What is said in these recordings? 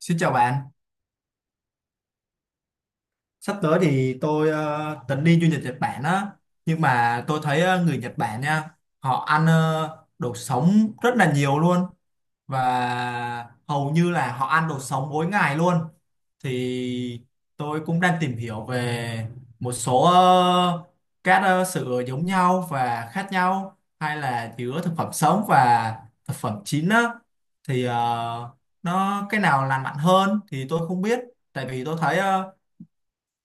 Xin chào bạn, sắp tới thì tôi tính đi du lịch Nhật Bản á, nhưng mà tôi thấy người Nhật Bản nha, họ ăn đồ sống rất là nhiều luôn và hầu như là họ ăn đồ sống mỗi ngày luôn. Thì tôi cũng đang tìm hiểu về một số các sự giống nhau và khác nhau hay là giữa thực phẩm sống và thực phẩm chín á, thì nó cái nào lành mạnh hơn thì tôi không biết, tại vì tôi thấy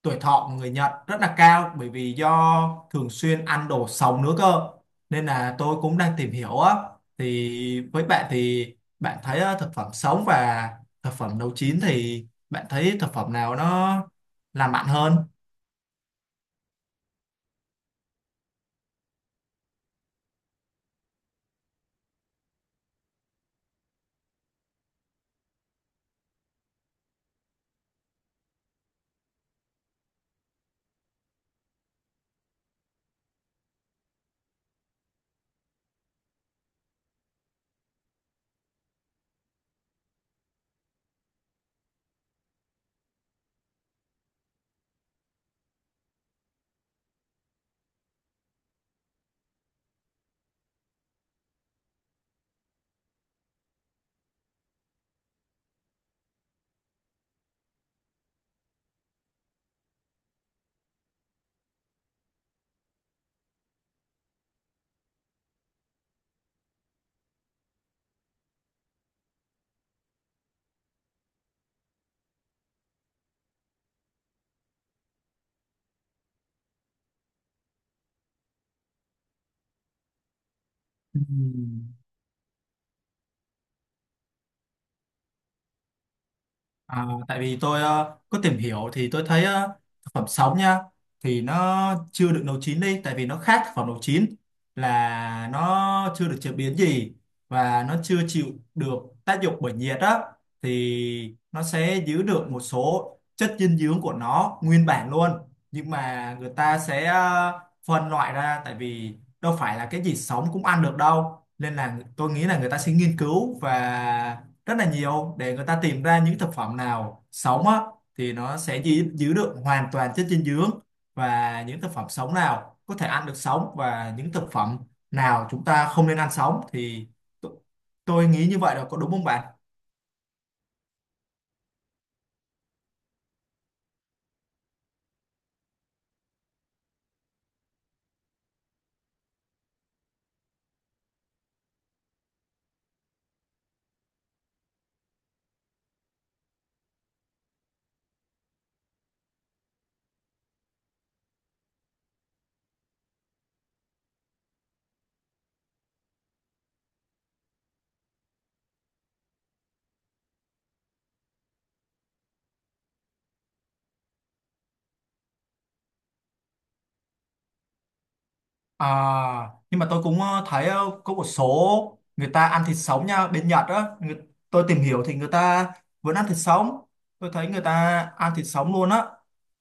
tuổi thọ của người Nhật rất là cao bởi vì do thường xuyên ăn đồ sống nữa cơ, nên là tôi cũng đang tìm hiểu á. Thì với bạn thì bạn thấy thực phẩm sống và thực phẩm nấu chín thì bạn thấy thực phẩm nào nó làm mặn hơn? Ừ. À, tại vì tôi có tìm hiểu thì tôi thấy thực phẩm sống nha, thì nó chưa được nấu chín đi, tại vì nó khác thực phẩm nấu chín là nó chưa được chế biến gì và nó chưa chịu được tác dụng bởi nhiệt á, thì nó sẽ giữ được một số chất dinh dưỡng của nó nguyên bản luôn. Nhưng mà người ta sẽ phân loại ra, tại vì đâu phải là cái gì sống cũng ăn được đâu, nên là tôi nghĩ là người ta sẽ nghiên cứu và rất là nhiều để người ta tìm ra những thực phẩm nào sống á thì nó sẽ giữ được hoàn toàn chất dinh dưỡng, và những thực phẩm sống nào có thể ăn được sống và những thực phẩm nào chúng ta không nên ăn sống thì t- tôi nghĩ như vậy là có đúng không bạn? À, nhưng mà tôi cũng thấy có một số người ta ăn thịt sống nha, bên Nhật á người, tôi tìm hiểu thì người ta vẫn ăn thịt sống, tôi thấy người ta ăn thịt sống luôn á,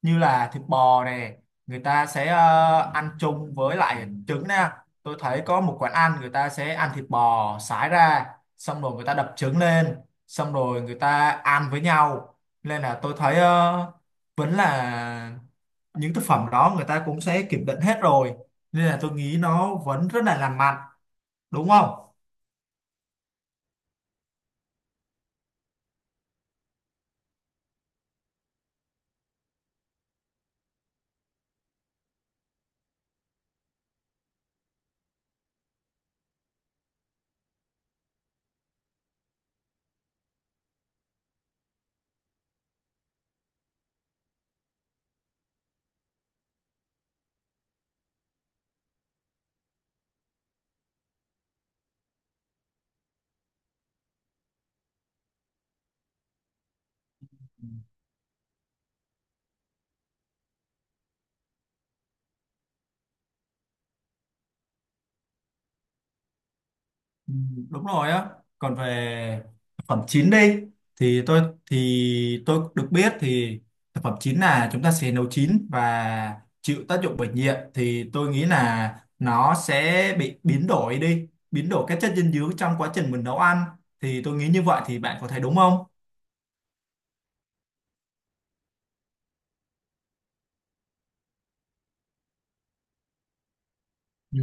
như là thịt bò này, người ta sẽ ăn chung với lại trứng nè. Tôi thấy có một quán ăn người ta sẽ ăn thịt bò sải ra, xong rồi người ta đập trứng lên, xong rồi người ta ăn với nhau, nên là tôi thấy vẫn là những thực phẩm đó người ta cũng sẽ kiểm định hết rồi, nên là tôi nghĩ nó vẫn rất là lành mạnh, đúng không? Ừ, đúng rồi á. Còn về thực phẩm chín đi thì tôi được biết thì thực phẩm chín là chúng ta sẽ nấu chín và chịu tác dụng bởi nhiệt, thì tôi nghĩ là nó sẽ bị biến đổi đi, biến đổi các chất dinh dưỡng trong quá trình mình nấu ăn. Thì tôi nghĩ như vậy, thì bạn có thấy đúng không? Ừ.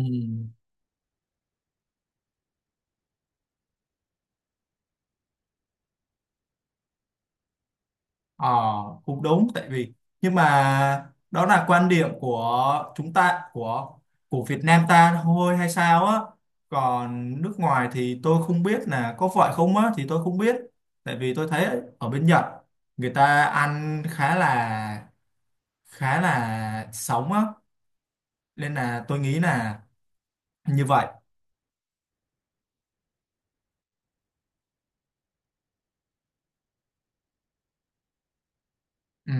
Ờ, cũng đúng. Tại vì nhưng mà đó là quan điểm của chúng ta, của Việt Nam ta thôi hay sao á, còn nước ngoài thì tôi không biết là có phải không á, thì tôi không biết. Tại vì tôi thấy ở bên Nhật người ta ăn khá là sống á, nên là tôi nghĩ là như vậy. Ừ.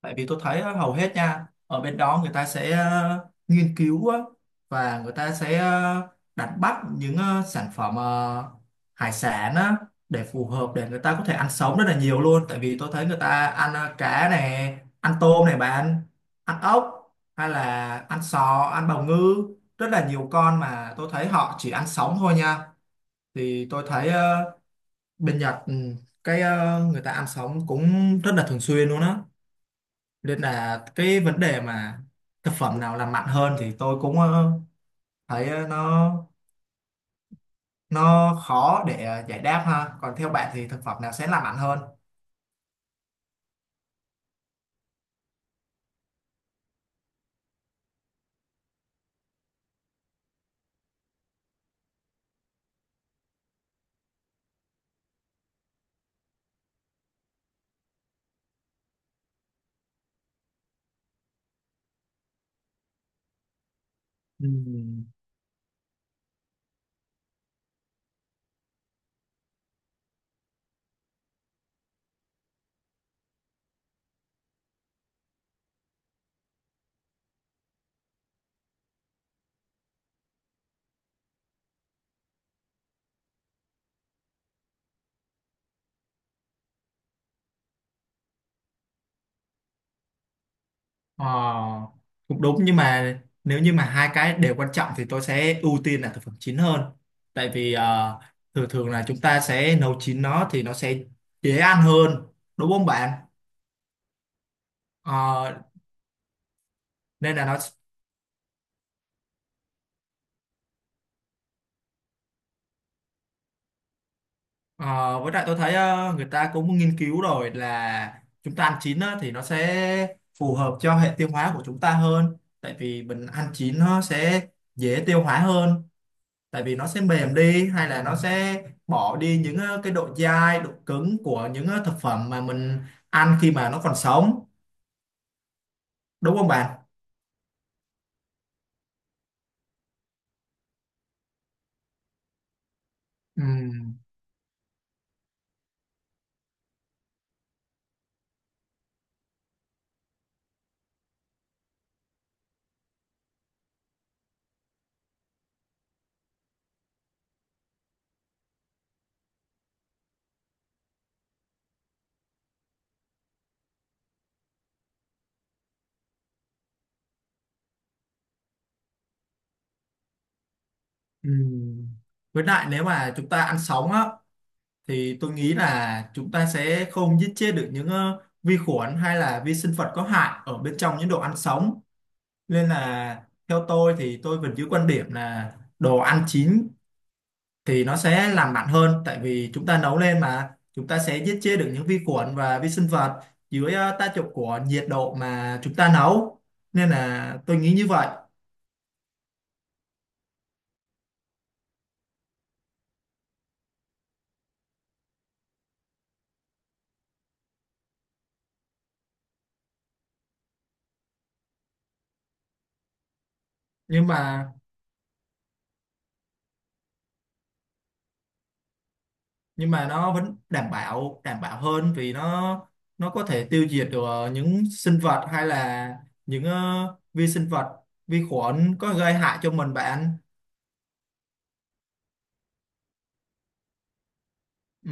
Tại vì tôi thấy á, hầu hết nha, ở bên đó người ta sẽ nghiên cứu á, và người ta sẽ đánh bắt những sản phẩm, hải sản á, để phù hợp để người ta có thể ăn sống rất là nhiều luôn. Tại vì tôi thấy người ta ăn cá này, ăn tôm này bạn, ăn ốc hay là ăn sò, ăn bào ngư, rất là nhiều con mà tôi thấy họ chỉ ăn sống thôi nha. Thì tôi thấy bên Nhật ừ, cái người ta ăn sống cũng rất là thường xuyên luôn á, nên là cái vấn đề mà thực phẩm nào làm mặn hơn thì tôi cũng thấy nó khó để giải đáp ha. Còn theo bạn thì thực phẩm nào sẽ làm mặn hơn? Ừ, ờ, cũng đúng, nhưng mà nếu như mà hai cái đều quan trọng thì tôi sẽ ưu tiên là thực phẩm chín hơn, tại vì thường thường là chúng ta sẽ nấu chín nó thì nó sẽ dễ ăn hơn, đúng không bạn? Ờ, nên là nó. Ờ, với lại tôi thấy người ta cũng nghiên cứu rồi là chúng ta ăn chín á, thì nó sẽ phù hợp cho hệ tiêu hóa của chúng ta hơn, tại vì mình ăn chín nó sẽ dễ tiêu hóa hơn, tại vì nó sẽ mềm đi hay là nó sẽ bỏ đi những cái độ dai độ cứng của những thực phẩm mà mình ăn khi mà nó còn sống, đúng không bạn? Ừ. Ừ. Với lại nếu mà chúng ta ăn sống á, thì tôi nghĩ là chúng ta sẽ không giết chết được những vi khuẩn hay là vi sinh vật có hại ở bên trong những đồ ăn sống, nên là theo tôi thì tôi vẫn giữ quan điểm là đồ ăn chín thì nó sẽ làm mặn hơn, tại vì chúng ta nấu lên mà chúng ta sẽ giết chết được những vi khuẩn và vi sinh vật dưới tác dụng của nhiệt độ mà chúng ta nấu, nên là tôi nghĩ như vậy. Nhưng mà nhưng mà nó vẫn đảm bảo hơn vì nó có thể tiêu diệt được những sinh vật hay là những vi sinh vật, vi khuẩn có gây hại cho mình bạn. Ừ,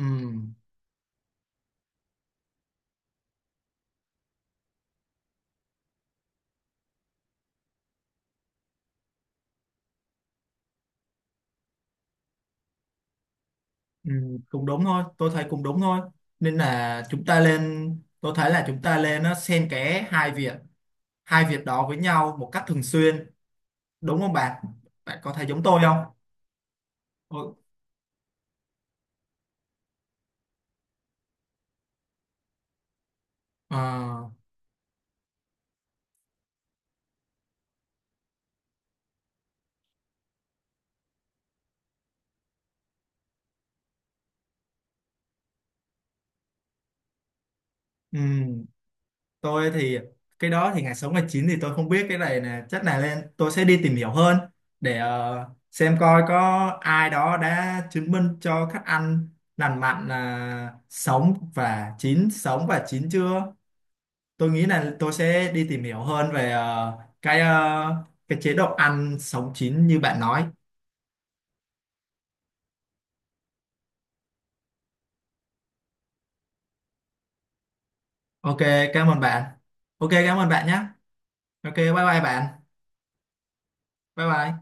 ừ, cũng đúng thôi, tôi thấy cũng đúng thôi, nên là chúng ta lên, tôi thấy là chúng ta lên nó xen kẽ hai việc đó với nhau một cách thường xuyên, đúng không bạn? Bạn có thấy giống tôi không? Ừ, ờ, ừ. Tôi thì cái đó thì ngày sống ngày chín thì tôi không biết cái này nè, chắc là lên tôi sẽ đi tìm hiểu hơn để xem coi có ai đó đã chứng minh cho khách ăn lành mạnh là sống và chín, sống và chín chưa. Tôi nghĩ là tôi sẽ đi tìm hiểu hơn về cái cái chế độ ăn sống chín như bạn nói. Ok, cảm ơn bạn. Ok, cảm ơn bạn nhé. Ok, bye bye bạn. Bye bye.